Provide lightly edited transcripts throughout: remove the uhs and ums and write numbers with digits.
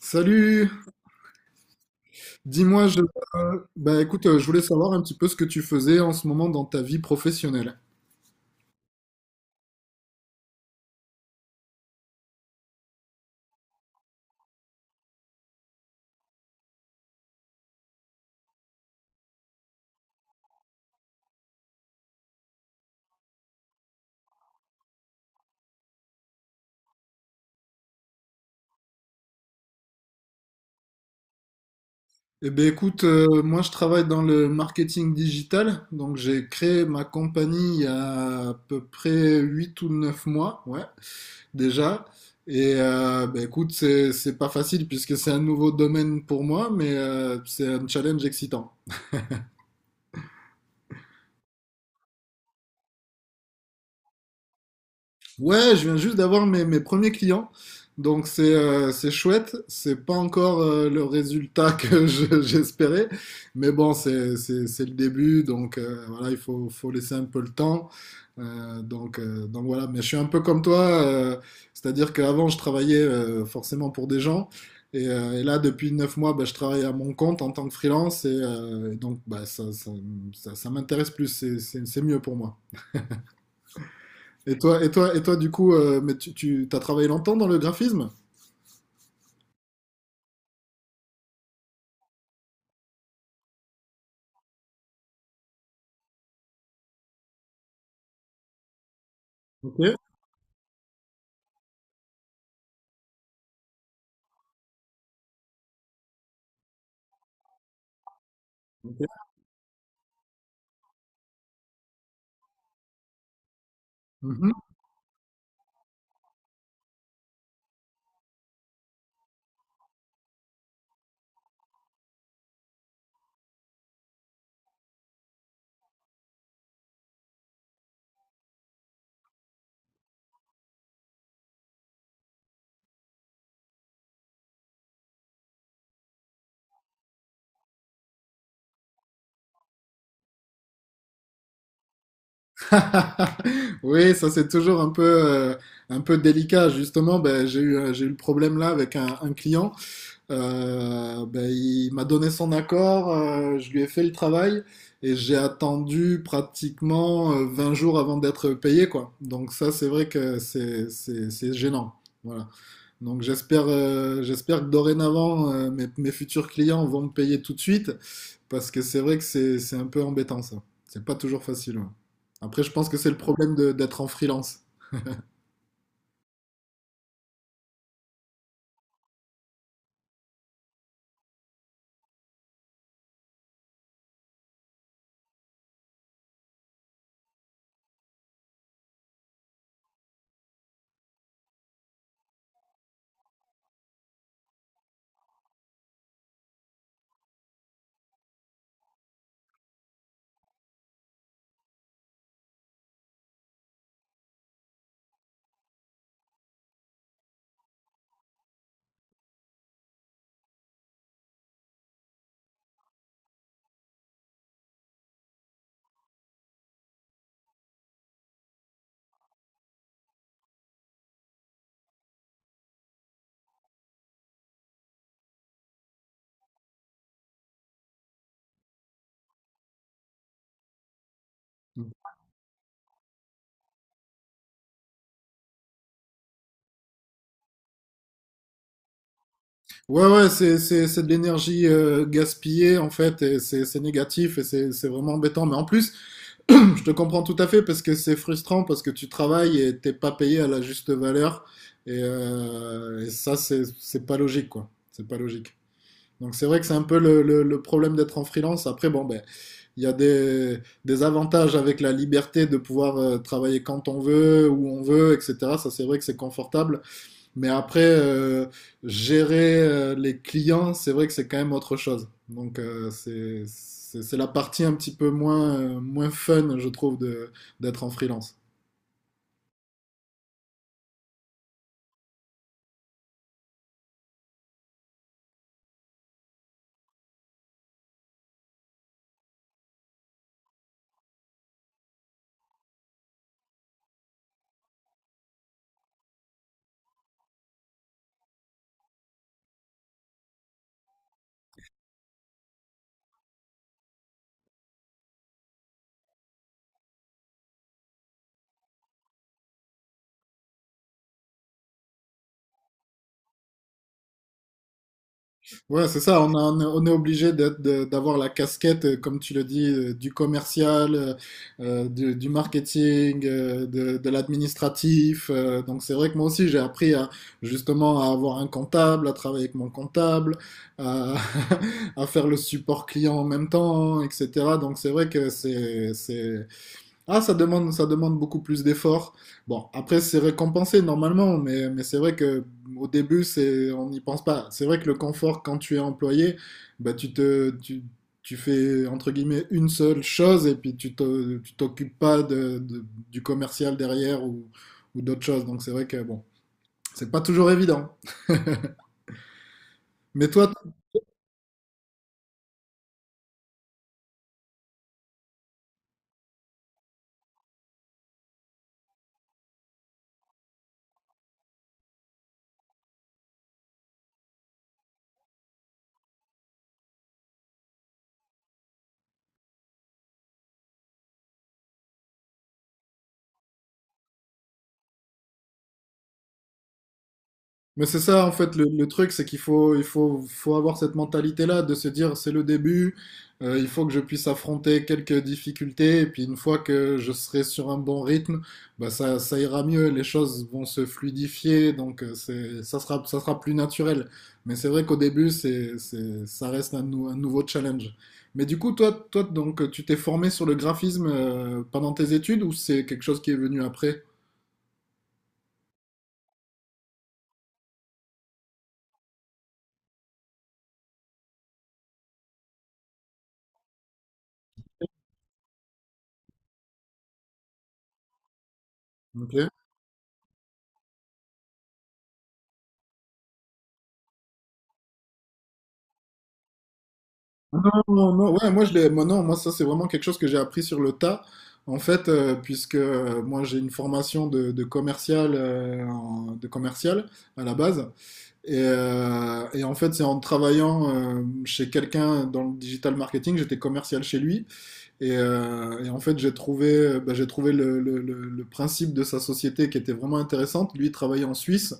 Salut, dis-moi, bah écoute, je voulais savoir un petit peu ce que tu faisais en ce moment dans ta vie professionnelle. Eh ben écoute, moi je travaille dans le marketing digital, donc j'ai créé ma compagnie il y a à peu près 8 ou 9 mois, ouais, déjà. Et bah écoute, c'est pas facile puisque c'est un nouveau domaine pour moi, mais c'est un challenge excitant. Ouais, je viens juste d'avoir mes premiers clients. Donc c'est chouette, c'est pas encore le résultat que j'espérais, mais bon c'est le début, donc voilà, il faut laisser un peu le temps. Donc voilà. Mais je suis un peu comme toi, c'est-à-dire qu'avant je travaillais forcément pour des gens, et là depuis 9 mois, bah, je travaille à mon compte en tant que freelance, et donc bah ça m'intéresse plus, c'est mieux pour moi. Et toi, du coup, mais tu as travaillé longtemps dans le graphisme? Ok. Ok. Mhm. Oui, ça c'est toujours un peu délicat. Justement, ben, j'ai eu le problème là avec un client. Ben, il m'a donné son accord, je lui ai fait le travail et j'ai attendu pratiquement 20 jours avant d'être payé, quoi. Donc ça, c'est vrai que c'est gênant. Voilà. Donc j'espère que dorénavant, mes futurs clients vont me payer tout de suite, parce que c'est vrai que c'est un peu embêtant ça. C'est pas toujours facile. Ouais. Après, je pense que c'est le problème d'être en freelance. Ouais, ouais, c'est de l'énergie gaspillée, en fait, et c'est négatif et c'est vraiment embêtant. Mais en plus, je te comprends tout à fait parce que c'est frustrant, parce que tu travailles et t'es pas payé à la juste valeur. Et ça, c'est pas logique, quoi. C'est pas logique. Donc c'est vrai que c'est un peu le problème d'être en freelance. Après, bon, ben, il y a des avantages, avec la liberté de pouvoir travailler quand on veut, où on veut, etc. Ça, c'est vrai que c'est confortable. Mais après, gérer les clients, c'est vrai que c'est quand même autre chose. Donc c'est la partie un petit peu moins, moins fun, je trouve, d'être en freelance. Ouais, c'est ça, on est obligé d'avoir la casquette, comme tu le dis, du commercial, du marketing, de l'administratif. Donc c'est vrai que moi aussi, j'ai appris justement à avoir un comptable, à travailler avec mon comptable, à, à faire le support client en même temps, etc. Donc c'est vrai que ah, ça demande beaucoup plus d'efforts. Bon, après, c'est récompensé normalement, mais c'est vrai que au début, on n'y pense pas. C'est vrai que le confort, quand tu es employé, bah, tu fais, entre guillemets, une seule chose, et puis tu t'occupes pas du commercial derrière ou d'autres choses. Donc, c'est vrai que, bon, c'est pas toujours évident. Mais toi. Mais c'est ça, en fait, le truc, c'est qu'faut avoir cette mentalité-là, de se dire, c'est le début, il faut que je puisse affronter quelques difficultés, et puis une fois que je serai sur un bon rythme, bah ça ira mieux, les choses vont se fluidifier, donc ça sera plus naturel. Mais c'est vrai qu'au début, ça reste un nouveau challenge. Mais du coup, toi, donc, tu t'es formé sur le graphisme, pendant tes études, ou c'est quelque chose qui est venu après? Ok. Non, non, non, ouais, moi, non, moi, ça, c'est vraiment quelque chose que j'ai appris sur le tas, en fait, puisque moi, j'ai une formation de commercial, de commercial à la base, et en fait, c'est en travaillant chez quelqu'un dans le digital marketing, j'étais commercial chez lui. Et en fait, bah, j'ai trouvé le principe de sa société, qui était vraiment intéressante. Lui, il travaillait en Suisse,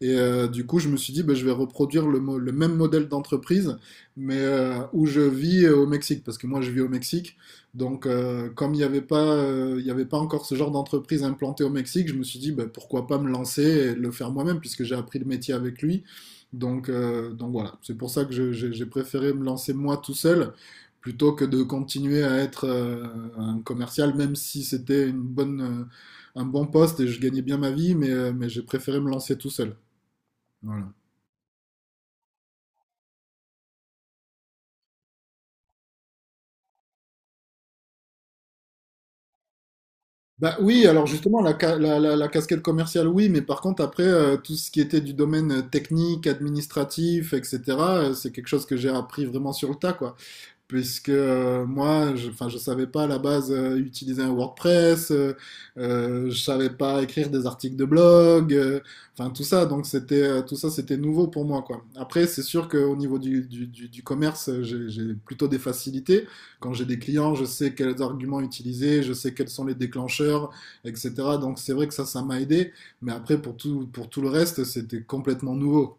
et du coup, je me suis dit, bah, je vais reproduire le même modèle d'entreprise, mais où je vis, au Mexique, parce que moi, je vis au Mexique. Donc, comme il n'y avait pas, il y avait pas encore ce genre d'entreprise implantée au Mexique, je me suis dit, bah, pourquoi pas me lancer et le faire moi-même, puisque j'ai appris le métier avec lui. Donc, voilà, c'est pour ça que j'ai préféré me lancer moi tout seul, plutôt que de continuer à être un commercial, même si c'était un bon poste et je gagnais bien ma vie, mais j'ai préféré me lancer tout seul. Voilà. Bah oui, alors justement, la, ca- la- la- la casquette commerciale, oui, mais par contre, après, tout ce qui était du domaine technique, administratif, etc., c'est quelque chose que j'ai appris vraiment sur le tas, quoi. Puisque moi, enfin, je savais pas à la base utiliser un WordPress, je savais pas écrire des articles de blog, enfin tout ça. Donc c'était tout ça, c'était nouveau pour moi, quoi. Après, c'est sûr qu'au niveau du commerce, j'ai plutôt des facilités. Quand j'ai des clients, je sais quels arguments utiliser, je sais quels sont les déclencheurs, etc. Donc c'est vrai que ça m'a aidé. Mais après, pour tout le reste, c'était complètement nouveau.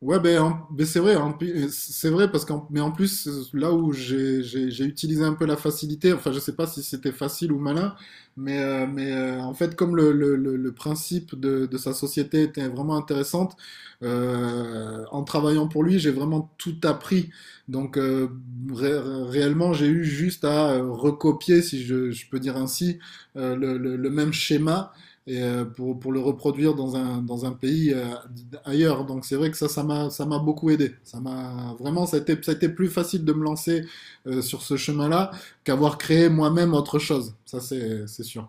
Ouais, ben, ben, c'est vrai, c'est vrai, mais en plus là où j'ai utilisé un peu la facilité, enfin je sais pas si c'était facile ou malin, en fait, comme le principe de sa société était vraiment intéressante, en travaillant pour lui j'ai vraiment tout appris, donc ré- réellement j'ai eu juste à recopier, si je peux dire ainsi, le même schéma, et le reproduire dans dans un pays, ailleurs. Donc c'est vrai que ça, ça m'a beaucoup aidé. Ça a été plus facile de me lancer sur ce chemin-là, qu'avoir créé moi-même autre chose. Ça, c'est sûr.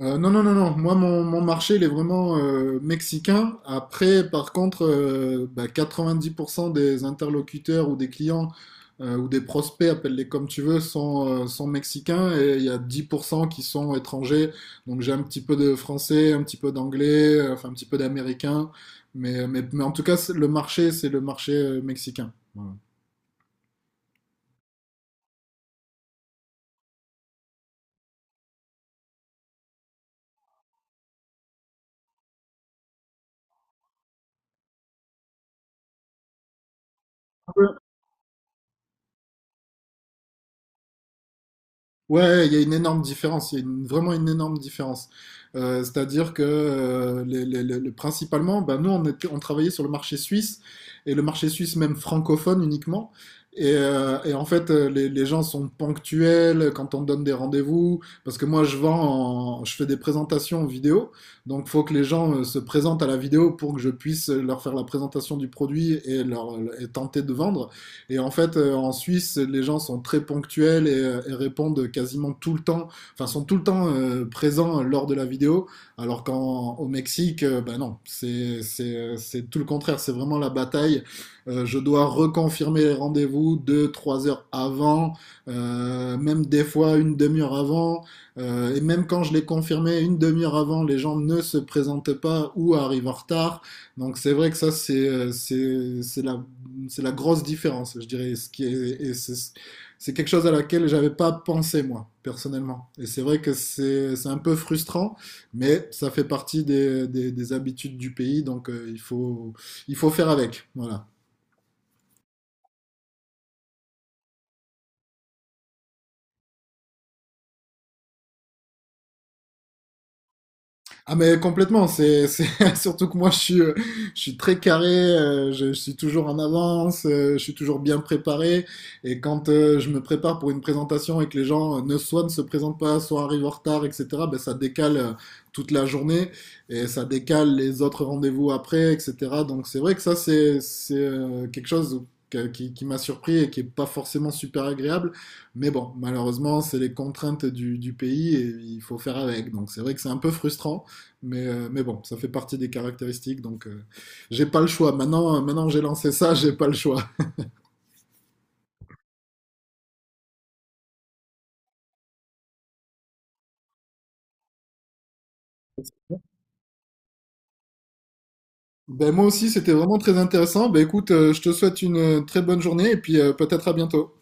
Non, non, non, non. Moi, mon marché, il est vraiment mexicain. Après, par contre, bah, 90% des interlocuteurs ou des clients, ou des prospects, appelle-les comme tu veux, sont mexicains, et il y a 10% qui sont étrangers. Donc, j'ai un petit peu de français, un petit peu d'anglais, enfin, un petit peu d'américain. Mais en tout cas, c'est le marché mexicain. Voilà. Ouais, il y a une énorme différence, il y a vraiment une énorme différence. C'est-à-dire que principalement, ben, nous, on travaillait sur le marché suisse, et le marché suisse même francophone uniquement. Et en fait, les gens sont ponctuels quand on donne des rendez-vous, parce que moi, je vends, je fais des présentations vidéo, donc il faut que les gens se présentent à la vidéo pour que je puisse leur faire la présentation du produit et, et tenter de vendre. Et en fait, en Suisse, les gens sont très ponctuels et répondent quasiment tout le temps, enfin, sont tout le temps présents lors de la vidéo, alors qu'au Mexique, ben non, c'est tout le contraire, c'est vraiment la bataille. Je dois reconfirmer les rendez-vous 2, 3 heures avant, même des fois une demi-heure avant. Et même quand je l'ai confirmé une demi-heure avant, les gens ne se présentent pas ou arrivent en retard. Donc c'est vrai que ça, c'est la grosse différence, je dirais. Ce qui est, et c'est, quelque chose à laquelle j'avais pas pensé moi personnellement. Et c'est vrai que c'est un peu frustrant, mais ça fait partie des habitudes du pays, donc il faut faire avec. Voilà. Ah mais complètement, surtout que moi je suis très carré, je suis toujours en avance, je suis toujours bien préparé, et quand je me prépare pour une présentation et que les gens ne se présentent pas, soit arrivent en retard, etc., ben ça décale toute la journée, et ça décale les autres rendez-vous après, etc. Donc c'est vrai que ça c'est quelque chose qui m'a surpris et qui est pas forcément super agréable. Mais bon, malheureusement, c'est les contraintes du pays, et il faut faire avec. Donc c'est vrai que c'est un peu frustrant. Mais bon, ça fait partie des caractéristiques, donc j'ai pas le choix. Maintenant que j'ai lancé ça, j'ai pas le choix. Ben, moi aussi, c'était vraiment très intéressant. Ben, écoute, je te souhaite une très bonne journée et puis peut-être à bientôt.